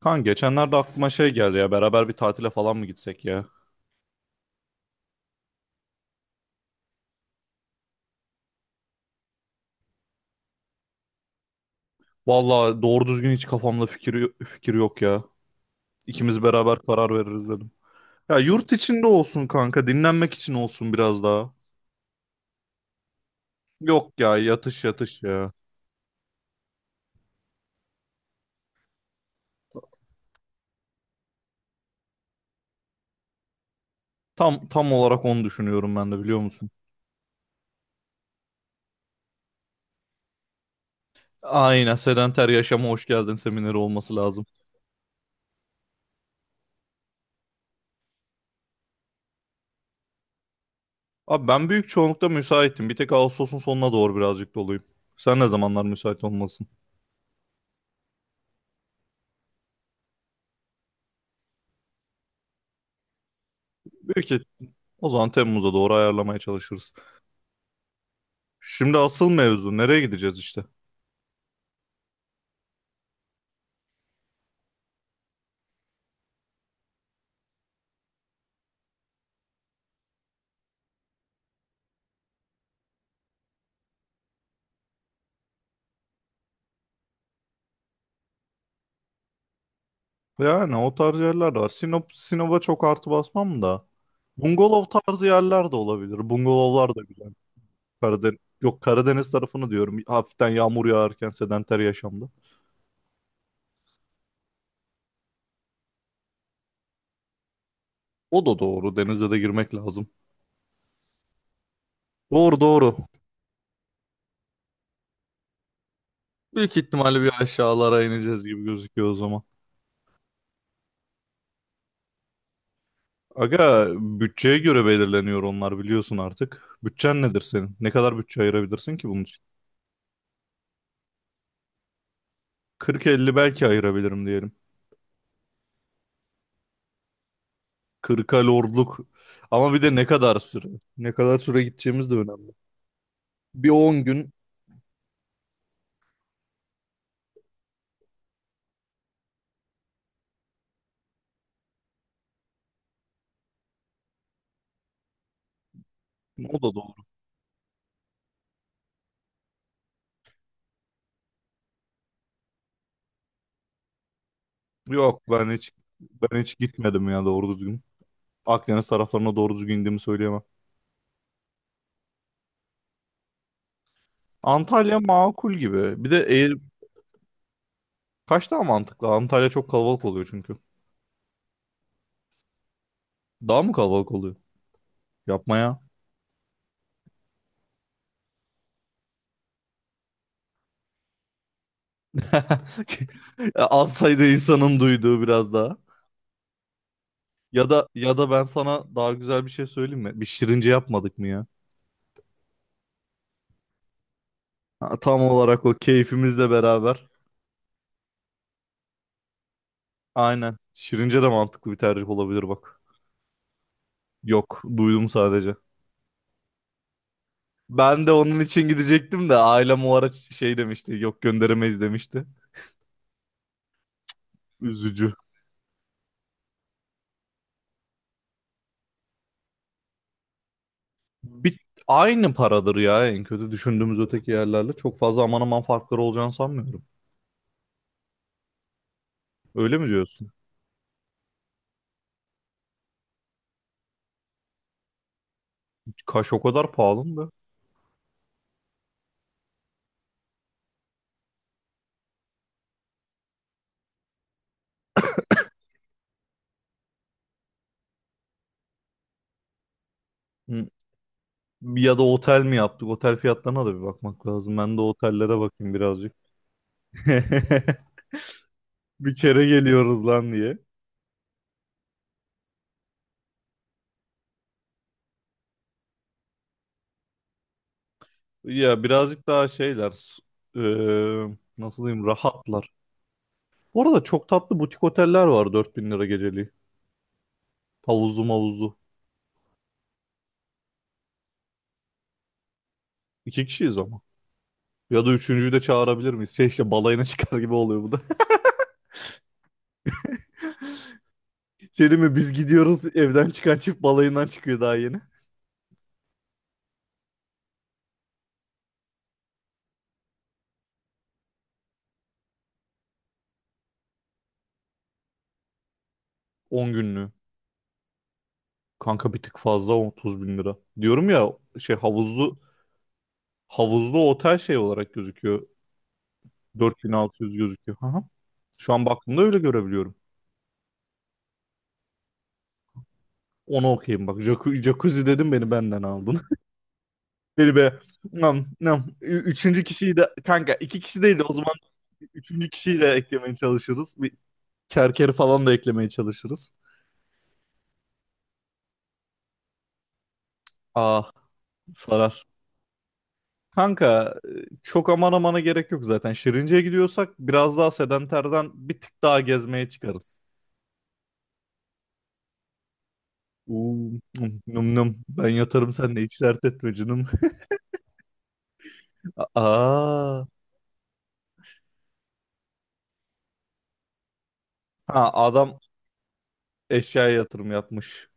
Kan geçenlerde aklıma şey geldi ya beraber bir tatile falan mı gitsek ya? Vallahi doğru düzgün hiç kafamda fikir yok ya. İkimiz beraber karar veririz dedim. Ya yurt içinde olsun kanka dinlenmek için olsun biraz daha. Yok ya yatış yatış ya. Tam olarak onu düşünüyorum ben de biliyor musun? Aynen sedenter yaşama hoş geldin semineri olması lazım. Abi ben büyük çoğunlukta müsaitim. Bir tek Ağustos'un sonuna doğru birazcık doluyum. Sen ne zamanlar müsait olmalısın? Büyük ihtim- o zaman Temmuz'a doğru ayarlamaya çalışırız. Şimdi asıl mevzu nereye gideceğiz işte? Yani o tarz yerler de var. Sinop'a çok artı basmam da. Bungalov tarzı yerler de olabilir. Bungalovlar da güzel. Karadeniz, yok Karadeniz tarafını diyorum. Hafiften yağmur yağarken sedanter yaşamda. O da doğru. Denize de girmek lazım. Doğru doğru. Büyük ihtimalle bir aşağılara ineceğiz gibi gözüküyor o zaman. Aga bütçeye göre belirleniyor onlar biliyorsun artık. Bütçen nedir senin? Ne kadar bütçe ayırabilirsin ki bunun için? 40-50 belki ayırabilirim diyelim. Kırka lordluk. Ama bir de ne kadar süre? Ne kadar süre gideceğimiz de önemli. Bir 10 gün. O da doğru. Yok ben hiç gitmedim ya doğru düzgün. Akdeniz taraflarına doğru düzgün indiğimi söyleyemem. Antalya makul gibi. Bir de eğer kaç daha mantıklı? Antalya çok kalabalık oluyor çünkü. Daha mı kalabalık oluyor? Yapma ya. Az sayıda insanın duyduğu biraz daha. Ya da ben sana daha güzel bir şey söyleyeyim mi? Bir şirince yapmadık mı ya? Ha, tam olarak o keyfimizle beraber. Aynen. Şirince de mantıklı bir tercih olabilir bak. Yok, duydum sadece. Ben de onun için gidecektim de ailem o ara şey demişti, yok gönderemeyiz demişti. Üzücü. Bir, aynı paradır ya en kötü düşündüğümüz öteki yerlerle. Çok fazla aman aman farkları olacağını sanmıyorum. Öyle mi diyorsun? Kaş o kadar pahalı mı? Be? Hı. Ya da otel mi yaptık? Otel fiyatlarına da bir bakmak lazım. Ben de otellere bakayım birazcık. Bir kere geliyoruz lan diye. Ya birazcık daha nasıl diyeyim rahatlar. Bu arada çok tatlı butik oteller var 4.000 lira geceliği. Havuzlu mavuzlu. İki kişiyiz ama. Ya da üçüncüyü de çağırabilir miyiz? Şey işte balayına çıkar gibi oluyor bu da. Şey değil mi biz gidiyoruz evden çıkan çift balayından çıkıyor daha yeni. 10 günlüğü. Kanka bir tık fazla 30 bin lira. Diyorum ya şey havuzlu havuzlu otel şey olarak gözüküyor. 4.600 gözüküyor. Aha. Şu an baktığımda öyle görebiliyorum. Onu okuyayım bak. Jacuzzi dedim beni benden aldın. Beni be. Nam, nam. Üçüncü kişiyi de kanka iki kişi değil de o zaman üçüncü kişiyi de eklemeye çalışırız. Bir kerkeri falan da eklemeye çalışırız. Ah sarar. Kanka, çok aman amana gerek yok zaten. Şirince'ye gidiyorsak biraz daha sedenterden bir tık daha gezmeye çıkarız. Uuu num num num. Ben yatarım sen de hiç dert etme canım. Aa. Ha adam eşyaya yatırım yapmış.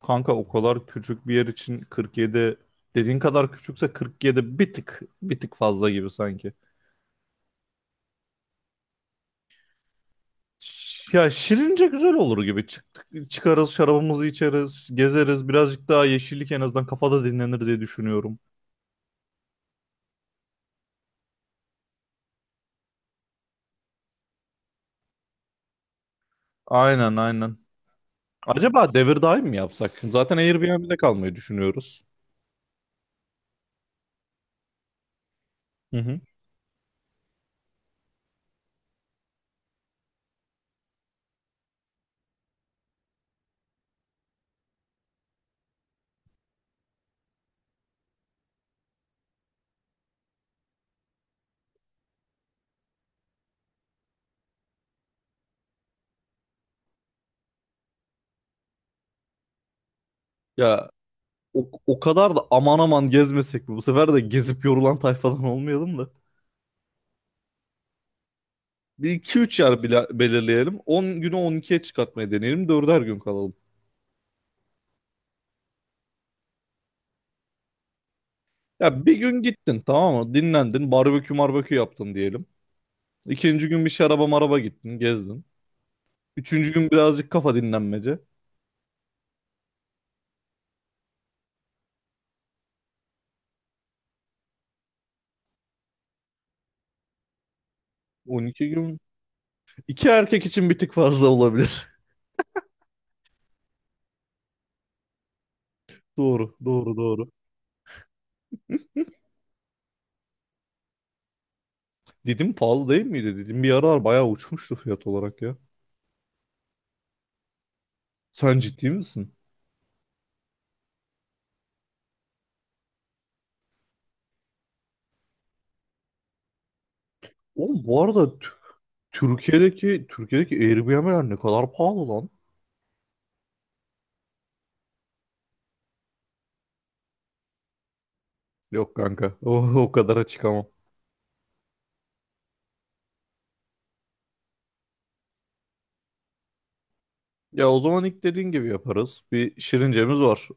Kanka o kadar küçük bir yer için 47 dediğin kadar küçükse 47 bir tık fazla gibi sanki. Ya şirince güzel olur gibi. Çıktık, çıkarız şarabımızı içeriz, gezeriz. Birazcık daha yeşillik en azından kafada dinlenir diye düşünüyorum. Aynen aynen. Acaba devir daim mi yapsak? Zaten Airbnb'de kalmayı düşünüyoruz. Hı hı. Ya o kadar da aman aman gezmesek mi? Bu sefer de gezip yorulan tayfadan olmayalım da. Bir iki üç yer belirleyelim. 10 günü 12'ye çıkartmayı deneyelim. 4'er gün kalalım. Ya bir gün gittin tamam mı? Dinlendin. Barbekü marbekü yaptın diyelim. İkinci gün bir şaraba maraba gittin. Gezdin. Üçüncü gün birazcık kafa dinlenmece. 12 gün. İki erkek için bir tık fazla olabilir. Doğru, doğru, doğru. Didim pahalı değil miydi? Didim bir aralar bayağı uçmuştu fiyat olarak ya. Sen ciddi misin? Oğlum bu arada Türkiye'deki Airbnb'ler ne kadar pahalı lan? Yok kanka. O kadar açık ama. Ya o zaman ilk dediğin gibi yaparız. Bir şirincemiz var.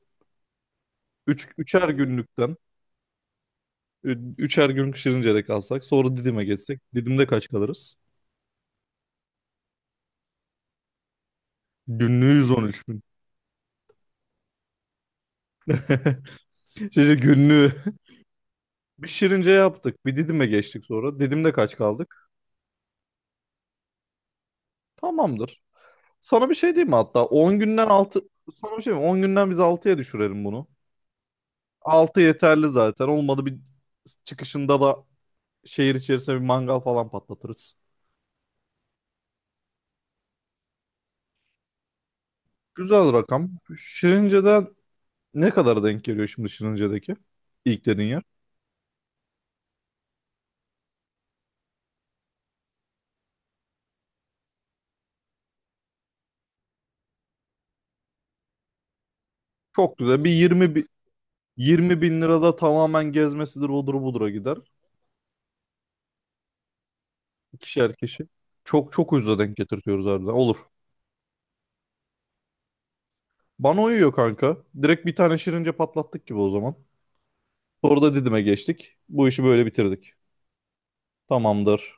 Üçer günlükten. Üçer günlük şirincede kalsak. Sonra Didim'e geçsek. Didim'de kaç kalırız? Günlüğü 113 bin. Şimdi günlüğü. Bir şirince yaptık. Bir Didim'e geçtik sonra. Didim'de kaç kaldık? Tamamdır. Sana bir şey diyeyim mi hatta? 10 günden 6. Sana bir şey mi? 10 günden biz altıya düşürelim bunu. 6 yeterli zaten. Olmadı bir çıkışında da şehir içerisinde bir mangal falan patlatırız. Güzel rakam. Şirince'den ne kadara denk geliyor şimdi Şirince'deki? İlk dediğin yer. Çok güzel. Bir 20 bin lirada tamamen gezmesidir odur budura gider. İkişer kişi. Çok çok ucuza denk getirtiyoruz harbiden. Olur. Bana uyuyor kanka. Direkt bir tane Şirince patlattık gibi o zaman. Sonra da Didim'e geçtik. Bu işi böyle bitirdik. Tamamdır.